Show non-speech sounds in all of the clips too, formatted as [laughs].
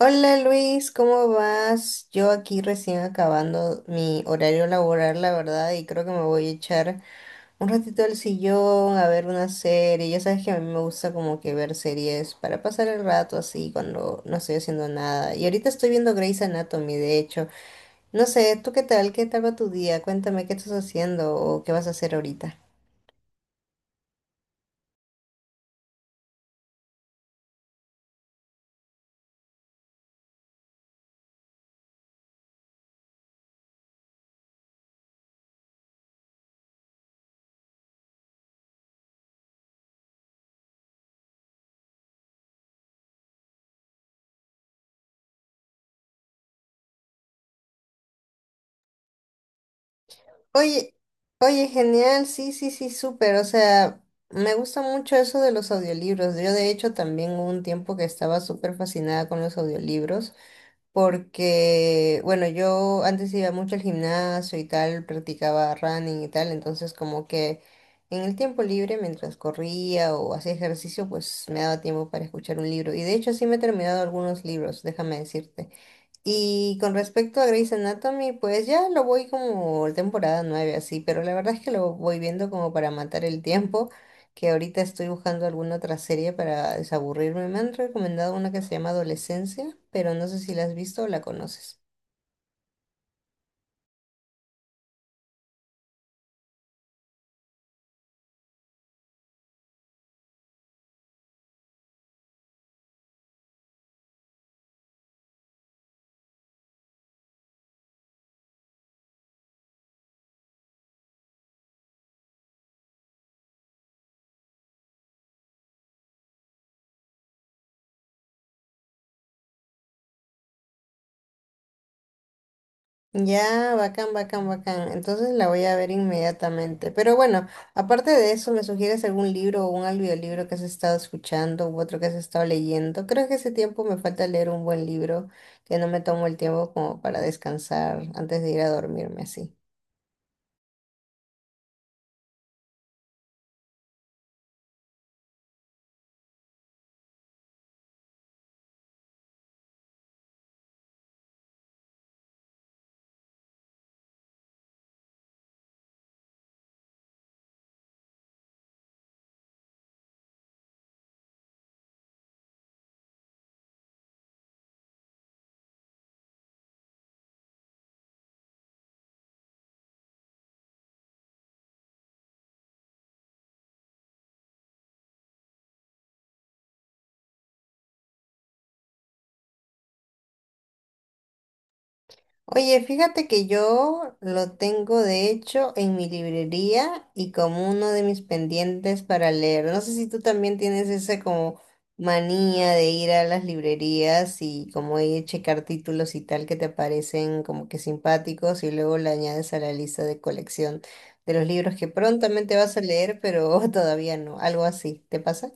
Hola Luis, ¿cómo vas? Yo aquí recién acabando mi horario laboral, la verdad, y creo que me voy a echar un ratito al sillón a ver una serie. Ya sabes que a mí me gusta como que ver series para pasar el rato así cuando no estoy haciendo nada. Y ahorita estoy viendo Grey's Anatomy, de hecho. No sé, ¿tú qué tal? ¿Qué tal va tu día? Cuéntame qué estás haciendo o qué vas a hacer ahorita. Oye, oye, genial, sí, sí, sí, súper, o sea, me gusta mucho eso de los audiolibros. Yo de hecho también hubo un tiempo que estaba súper fascinada con los audiolibros porque, bueno, yo antes iba mucho al gimnasio y tal, practicaba running y tal, entonces como que en el tiempo libre, mientras corría o hacía ejercicio, pues me daba tiempo para escuchar un libro. Y de hecho sí me he terminado algunos libros, déjame decirte. Y con respecto a Grey's Anatomy, pues ya lo voy como temporada 9 así, pero la verdad es que lo voy viendo como para matar el tiempo, que ahorita estoy buscando alguna otra serie para desaburrirme. Me han recomendado una que se llama Adolescencia, pero no sé si la has visto o la conoces. Ya, bacán, bacán, bacán. Entonces la voy a ver inmediatamente. Pero bueno, aparte de eso, ¿me sugieres algún libro o un audiolibro que has estado escuchando u otro que has estado leyendo? Creo que ese tiempo me falta leer un buen libro, que no me tomo el tiempo como para descansar antes de ir a dormirme así. Oye, fíjate que yo lo tengo de hecho en mi librería y como uno de mis pendientes para leer. No sé si tú también tienes esa como manía de ir a las librerías y como ahí checar títulos y tal que te parecen como que simpáticos y luego le añades a la lista de colección de los libros que prontamente vas a leer, pero [laughs] todavía no, algo así. ¿Te pasa?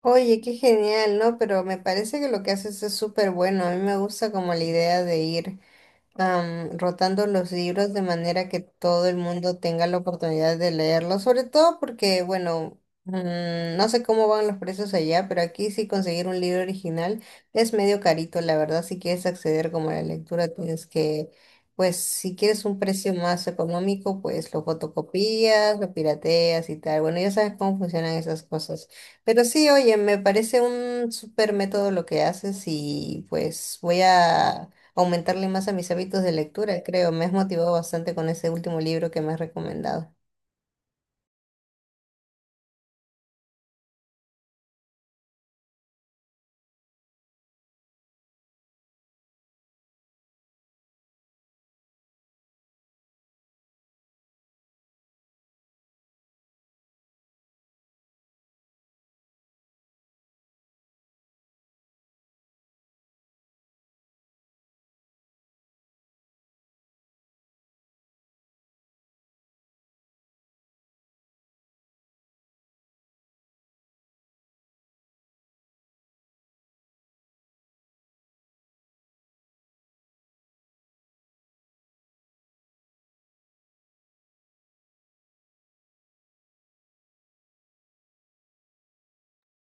Oye, qué genial, ¿no? Pero me parece que lo que haces es súper bueno. A mí me gusta como la idea de ir. Rotando los libros de manera que todo el mundo tenga la oportunidad de leerlos, sobre todo porque, bueno, no sé cómo van los precios allá, pero aquí sí conseguir un libro original es medio carito, la verdad, si quieres acceder como a la lectura, tienes que, pues si quieres un precio más económico, pues lo fotocopias, lo pirateas y tal. Bueno, ya sabes cómo funcionan esas cosas. Pero sí, oye, me parece un súper método lo que haces y pues voy a aumentarle más a mis hábitos de lectura, creo. Me has motivado bastante con ese último libro que me has recomendado.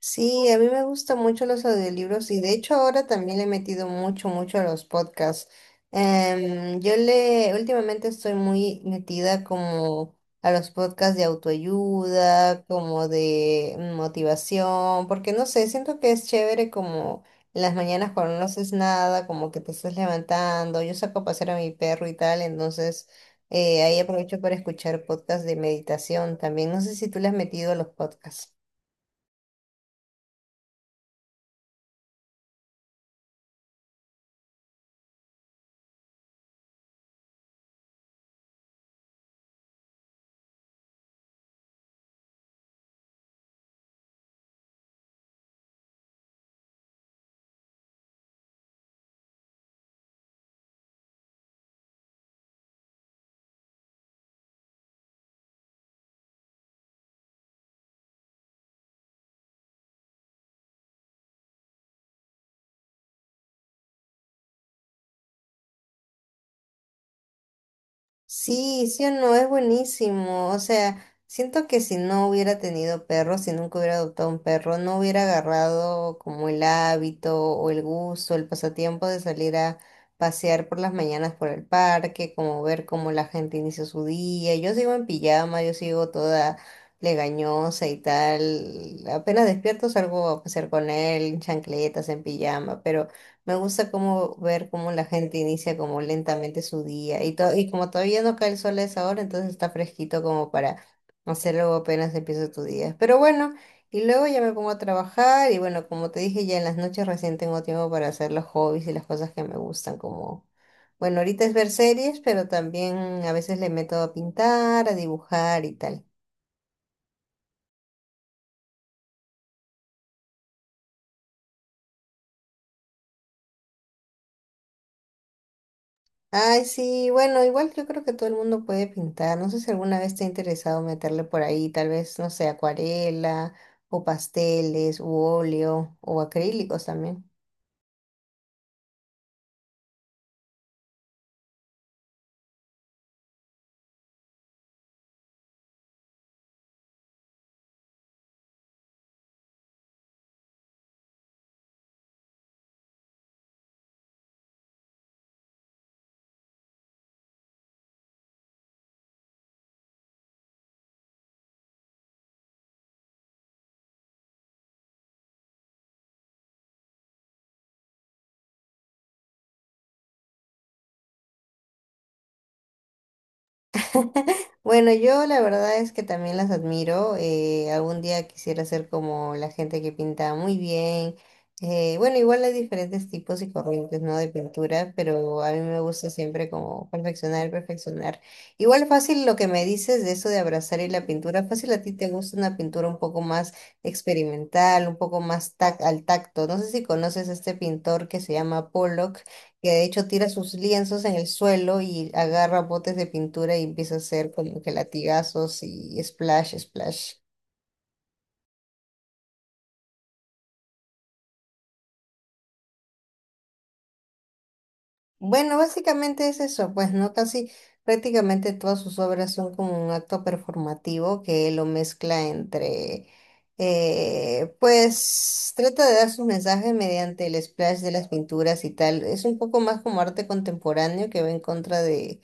Sí, a mí me gustan mucho los audiolibros y de hecho ahora también le he metido mucho a los podcasts. Últimamente estoy muy metida como a los podcasts de autoayuda, como de motivación, porque no sé, siento que es chévere como en las mañanas cuando no haces nada, como que te estás levantando, yo saco a pasear a mi perro y tal, entonces ahí aprovecho para escuchar podcasts de meditación también. No sé si tú le has metido a los podcasts. Sí, sí o no, es buenísimo. O sea, siento que si no hubiera tenido perro, si nunca hubiera adoptado un perro, no hubiera agarrado como el hábito o el gusto, el pasatiempo de salir a pasear por las mañanas por el parque, como ver cómo la gente inicia su día. Yo sigo en pijama, yo sigo toda legañosa y tal. Apenas despierto salgo a pasear con él, en chancletas, en pijama, pero... Me gusta como ver cómo la gente inicia como lentamente su día y y como todavía no cae el sol a esa hora, entonces está fresquito como para hacerlo apenas empieza tu día. Pero bueno, y luego ya me pongo a trabajar y bueno, como te dije, ya en las noches recién tengo tiempo para hacer los hobbies y las cosas que me gustan, como, bueno, ahorita es ver series, pero también a veces le meto a pintar, a dibujar y tal. Ay, sí, bueno, igual yo creo que todo el mundo puede pintar. No sé si alguna vez te ha interesado meterle por ahí, tal vez, no sé, acuarela o pasteles u óleo o acrílicos también. [laughs] Bueno, yo la verdad es que también las admiro. Algún día quisiera ser como la gente que pinta muy bien. Bueno, igual hay diferentes tipos y corrientes, ¿no? De pintura, pero a mí me gusta siempre como perfeccionar. Igual fácil lo que me dices de eso de abrazar y la pintura, fácil a ti te gusta una pintura un poco más experimental, un poco más tac al tacto. No sé si conoces a este pintor que se llama Pollock que de hecho tira sus lienzos en el suelo y agarra botes de pintura y empieza a hacer como que latigazos y splash, splash. Bueno, básicamente es eso, pues, ¿no? Casi prácticamente todas sus obras son como un acto performativo que lo mezcla entre, pues, trata de dar sus mensajes mediante el splash de las pinturas y tal. Es un poco más como arte contemporáneo que va en contra de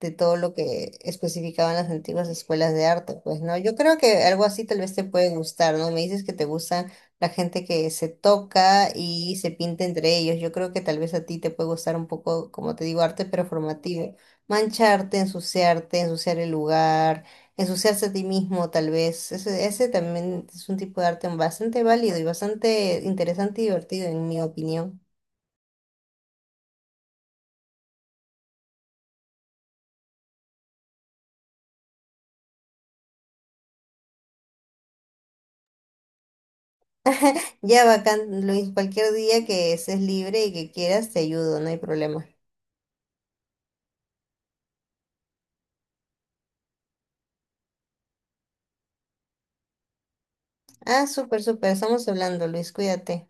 todo lo que especificaban las antiguas escuelas de arte, pues, ¿no? Yo creo que algo así tal vez te puede gustar, ¿no? Me dices que te gusta la gente que se toca y se pinta entre ellos. Yo creo que tal vez a ti te puede gustar un poco, como te digo, arte performativo. Mancharte, ensuciarte, ensuciar el lugar, ensuciarse a ti mismo, tal vez. Ese también es un tipo de arte bastante válido y bastante interesante y divertido, en mi opinión. Ya, bacán, Luis, cualquier día que estés libre y que quieras, te ayudo, no hay problema. Ah, súper, súper. Estamos hablando, Luis. Cuídate.